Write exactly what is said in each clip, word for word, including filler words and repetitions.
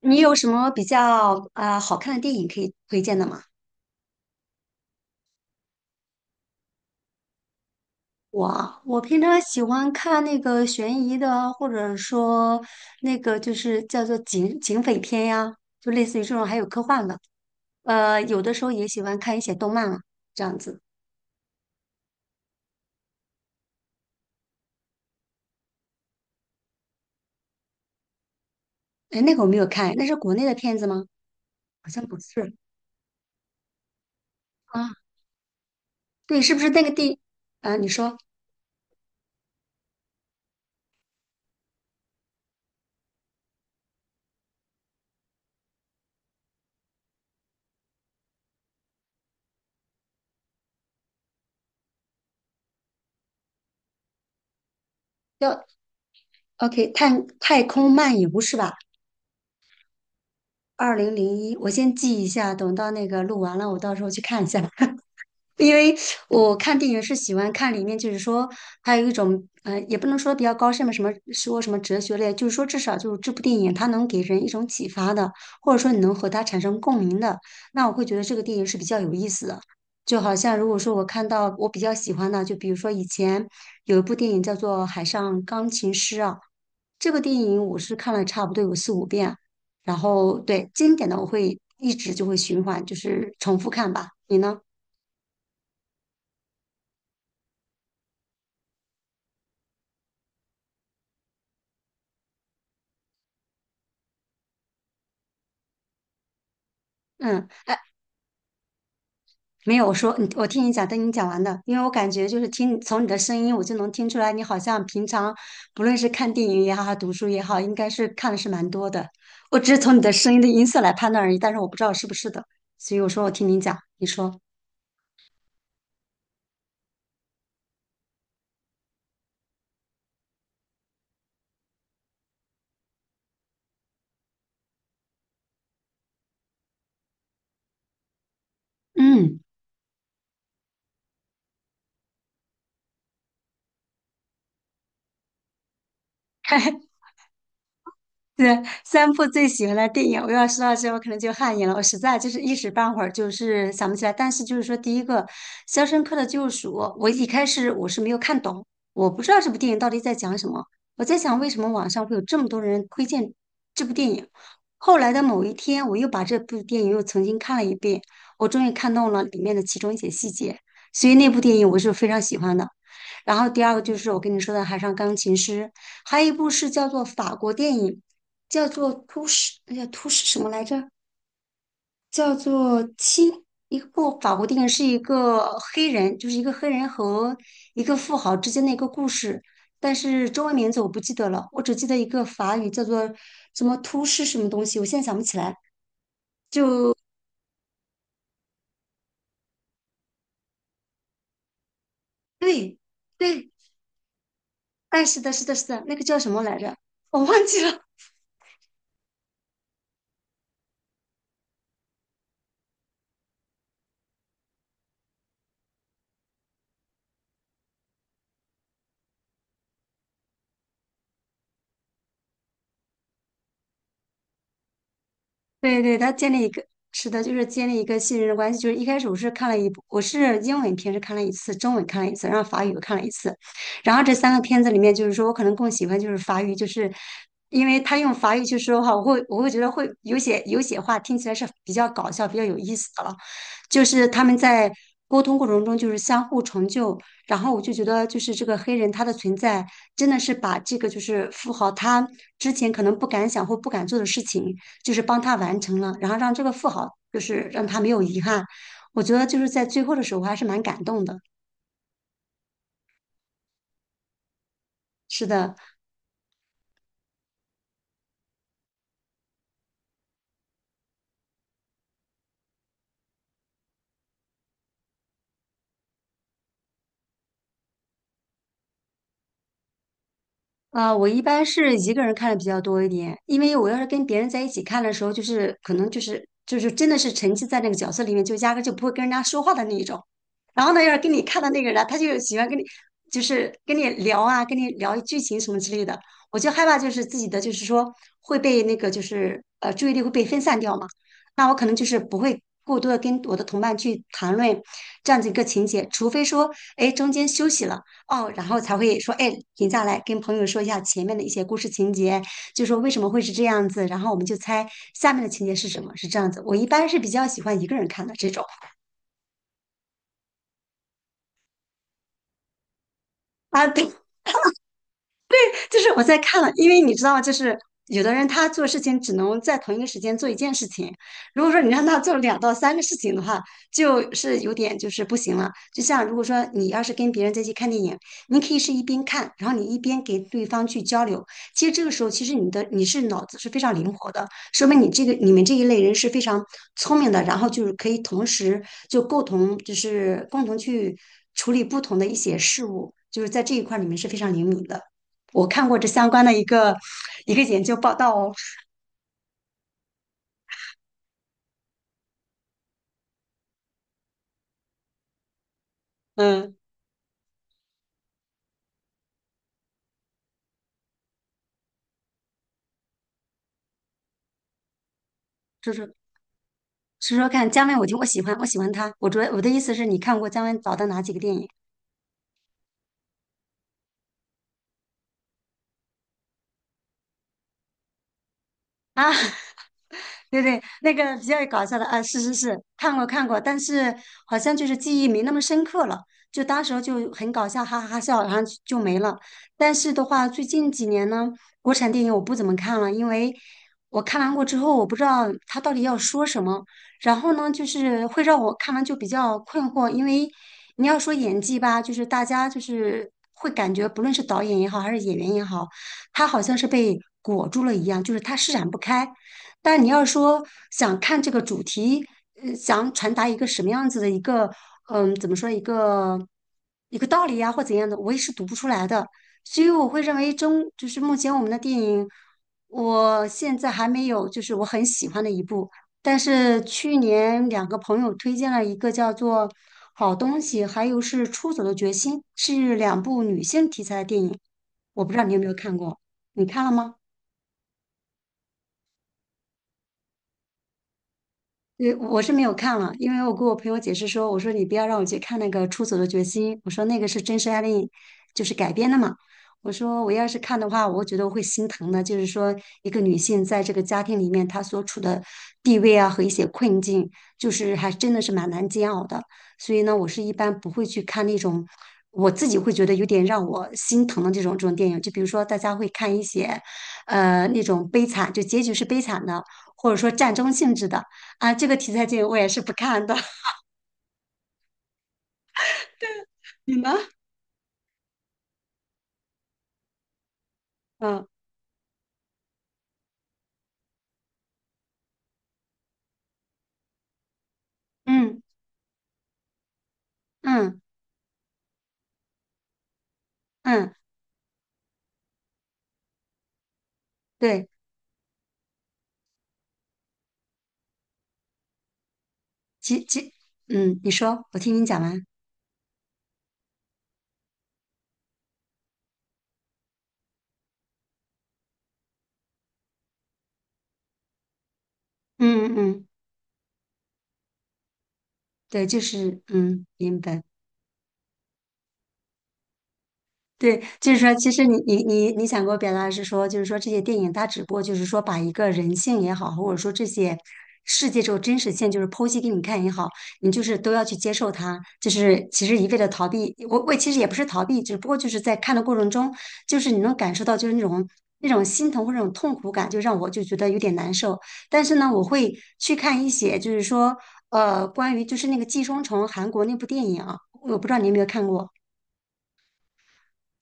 你有什么比较啊好看的电影可以推荐的吗？我啊我平常喜欢看那个悬疑的，或者说那个就是叫做警警匪片呀，就类似于这种，还有科幻的。呃，有的时候也喜欢看一些动漫啊，这样子。哎，那个我没有看，那是国内的片子吗？好像不是啊。对，是不是那个地啊？你说要 OK 太太空漫游是吧？二零零一，我先记一下，等到那个录完了，我到时候去看一下。因为我看电影是喜欢看里面，就是说还有一种，呃，也不能说比较高深吧，什么说什么哲学类，就是说至少就是这部电影它能给人一种启发的，或者说你能和它产生共鸣的，那我会觉得这个电影是比较有意思的。就好像如果说我看到我比较喜欢的，就比如说以前有一部电影叫做《海上钢琴师》啊，这个电影我是看了差不多有四五遍，然后对经典的我会一直就会循环，就是重复看吧。你呢？嗯，哎，没有，我说你，我听你讲，等你讲完的，因为我感觉就是听从你的声音，我就能听出来，你好像平常不论是看电影也好，还是读书也好，应该是看的是蛮多的。我只是从你的声音的音色来判断而已，但是我不知道是不是的，所以我说我听你讲，你说，嗯，对，三部最喜欢的电影，我要说到这，我可能就汗颜了。我实在就是一时半会儿就是想不起来。但是就是说，第一个《肖申克的救赎》，我一开始我是没有看懂，我不知道这部电影到底在讲什么。我在想，为什么网上会有这么多人推荐这部电影？后来的某一天，我又把这部电影又重新看了一遍，我终于看懂了里面的其中一些细节。所以那部电影我是非常喜欢的。然后第二个就是我跟你说的《海上钢琴师》，还有一部是叫做法国电影，叫做《突什》，哎呀，《突什》什么来着？叫做《七》。一部法国电影是一个黑人，就是一个黑人和一个富豪之间的一个故事，但是中文名字我不记得了，我只记得一个法语叫做什么"突什"什么东西，我现在想不起来。对，对，哎，是的，是的，是的，那个叫什么来着？我忘记了。对对，他建立一个，是的，就是建立一个信任的关系。就是一开始我是看了一部，我是英文片是看了一次，中文看了一次，然后法语又看了一次。然后这三个片子里面，就是说我可能更喜欢就是法语，就是因为他用法语去说话，我会我会觉得会有些有些话听起来是比较搞笑、比较有意思的了。就是他们在沟通过程中就是相互成就，然后我就觉得就是这个黑人他的存在真的是把这个就是富豪他之前可能不敢想或不敢做的事情。就是帮他完成了，然后让这个富豪就是让他没有遗憾。我觉得就是在最后的时候，我还是蛮感动的。是的，啊，我一般是一个人看的比较多一点，因为我要是跟别人在一起看的时候，就是可能就是就是真的是沉浸在那个角色里面，就压根就不会跟人家说话的那一种。然后呢，要是跟你看的那个人啊他就喜欢跟你就是跟你聊啊，跟你聊剧情什么之类的，我就害怕就是自己的就是说会被那个就是呃注意力会被分散掉嘛。那我可能就是不会过多的跟我的同伴去谈论这样子一个情节，除非说哎中间休息了。哦，然后才会说，哎，停下来跟朋友说一下前面的一些故事情节，就说为什么会是这样子，然后我们就猜下面的情节是什么，是这样子。我一般是比较喜欢一个人看的这种啊，对，就是我在看了，因为你知道，就是有的人他做事情只能在同一个时间做一件事情，如果说你让他做两到三个事情的话，就是有点就是不行了。就像如果说你要是跟别人在一起看电影，你可以是一边看，然后你一边给对方去交流。其实这个时候，其实你的你是脑子是非常灵活的，说明你这个你们这一类人是非常聪明的，然后就是可以同时就共同就是共同去处理不同的一些事物，就是在这一块儿你们是非常灵敏的。我看过这相关的一个一个研究报道哦，嗯，就是说说看姜文，我听我喜欢，我喜欢他。我主要我的意思是你看过姜文导的哪几个电影啊？对对，那个比较搞笑的啊，是是是，看过看过，但是好像就是记忆没那么深刻了，就当时候就很搞笑，哈哈哈笑，然后就没了。但是的话，最近几年呢，国产电影我不怎么看了，因为我看完过之后，我不知道他到底要说什么，然后呢，就是会让我看完就比较困惑，因为你要说演技吧，就是大家就是会感觉，不论是导演也好，还是演员也好，他好像是被裹住了一样，就是他施展不开。但你要说想看这个主题，呃，想传达一个什么样子的一个，嗯，怎么说一个一个道理呀、或怎样的，我也是读不出来的。所以我会认为中就是目前我们的电影，我现在还没有就是我很喜欢的一部。但是去年两个朋友推荐了一个叫做《好东西》，还有是《出走的决心》，是两部女性题材的电影。我不知道你有没有看过，你看了吗？呃，我是没有看了，因为我跟我朋友解释说，我说你不要让我去看那个《出走的决心》，我说那个是真实案例，就是改编的嘛。我说我要是看的话，我觉得我会心疼的，就是说一个女性在这个家庭里面她所处的地位啊和一些困境，就是还真的是蛮难煎熬的。所以呢，我是一般不会去看那种我自己会觉得有点让我心疼的这种这种电影，就比如说大家会看一些呃那种悲惨，就结局是悲惨的，或者说战争性质的。啊，这个题材剧我也是不看的，你呢？嗯嗯嗯嗯，对，其其，嗯，你说，我听你讲完。嗯嗯，对，就是嗯，明白。对，就是说，其实你你你你想给我表达的是说，就是说这些电影它只不过就是说把一个人性也好，或者说这些世界这种真实性，就是剖析给你看也好，你就是都要去接受它。就是其实一味的逃避，我我其实也不是逃避，只不过就是在看的过程中，就是你能感受到就是那种那种心疼或者那种痛苦感，就让我就觉得有点难受。但是呢，我会去看一些就是说呃关于就是那个《寄生虫》韩国那部电影啊，我不知道你有没有看过。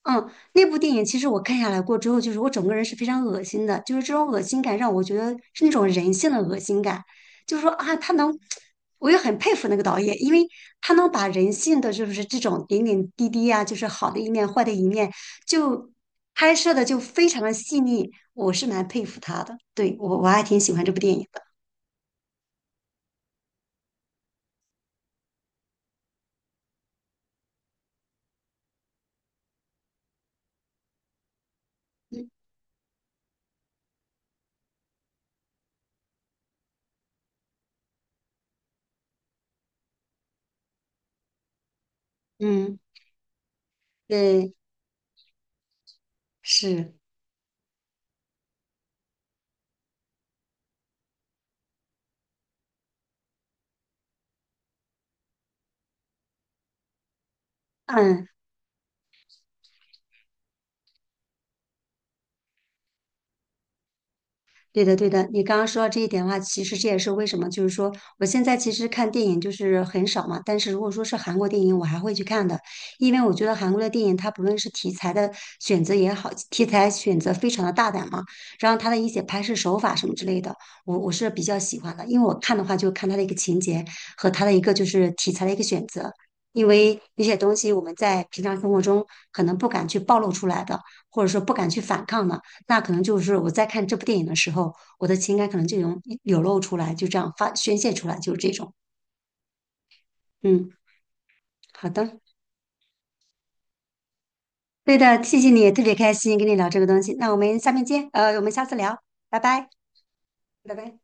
嗯，那部电影其实我看下来过之后，就是我整个人是非常恶心的，就是这种恶心感让我觉得是那种人性的恶心感，就是说啊，他能，我也很佩服那个导演，因为他能把人性的就是这种点点滴滴呀，就是好的一面、坏的一面，就拍摄的就非常的细腻，我是蛮佩服他的，对，我我还挺喜欢这部电影的，嗯，对，是，嗯。对的，对的，你刚刚说到这一点的话，其实这也是为什么，就是说我现在其实看电影就是很少嘛，但是如果说是韩国电影，我还会去看的，因为我觉得韩国的电影它不论是题材的选择也好，题材选择非常的大胆嘛，然后它的一些拍摄手法什么之类的，我我是比较喜欢的，因为我看的话就看它的一个情节和它的一个就是题材的一个选择，因为有些东西我们在平常生活中可能不敢去暴露出来的，或者说不敢去反抗的。那可能就是我在看这部电影的时候，我的情感可能就涌流露出来，就这样发宣泄出来，就是这种。嗯，好的，对的，谢谢你，特别开心跟你聊这个东西。那我们下面见，呃，我们下次聊，拜拜，拜拜。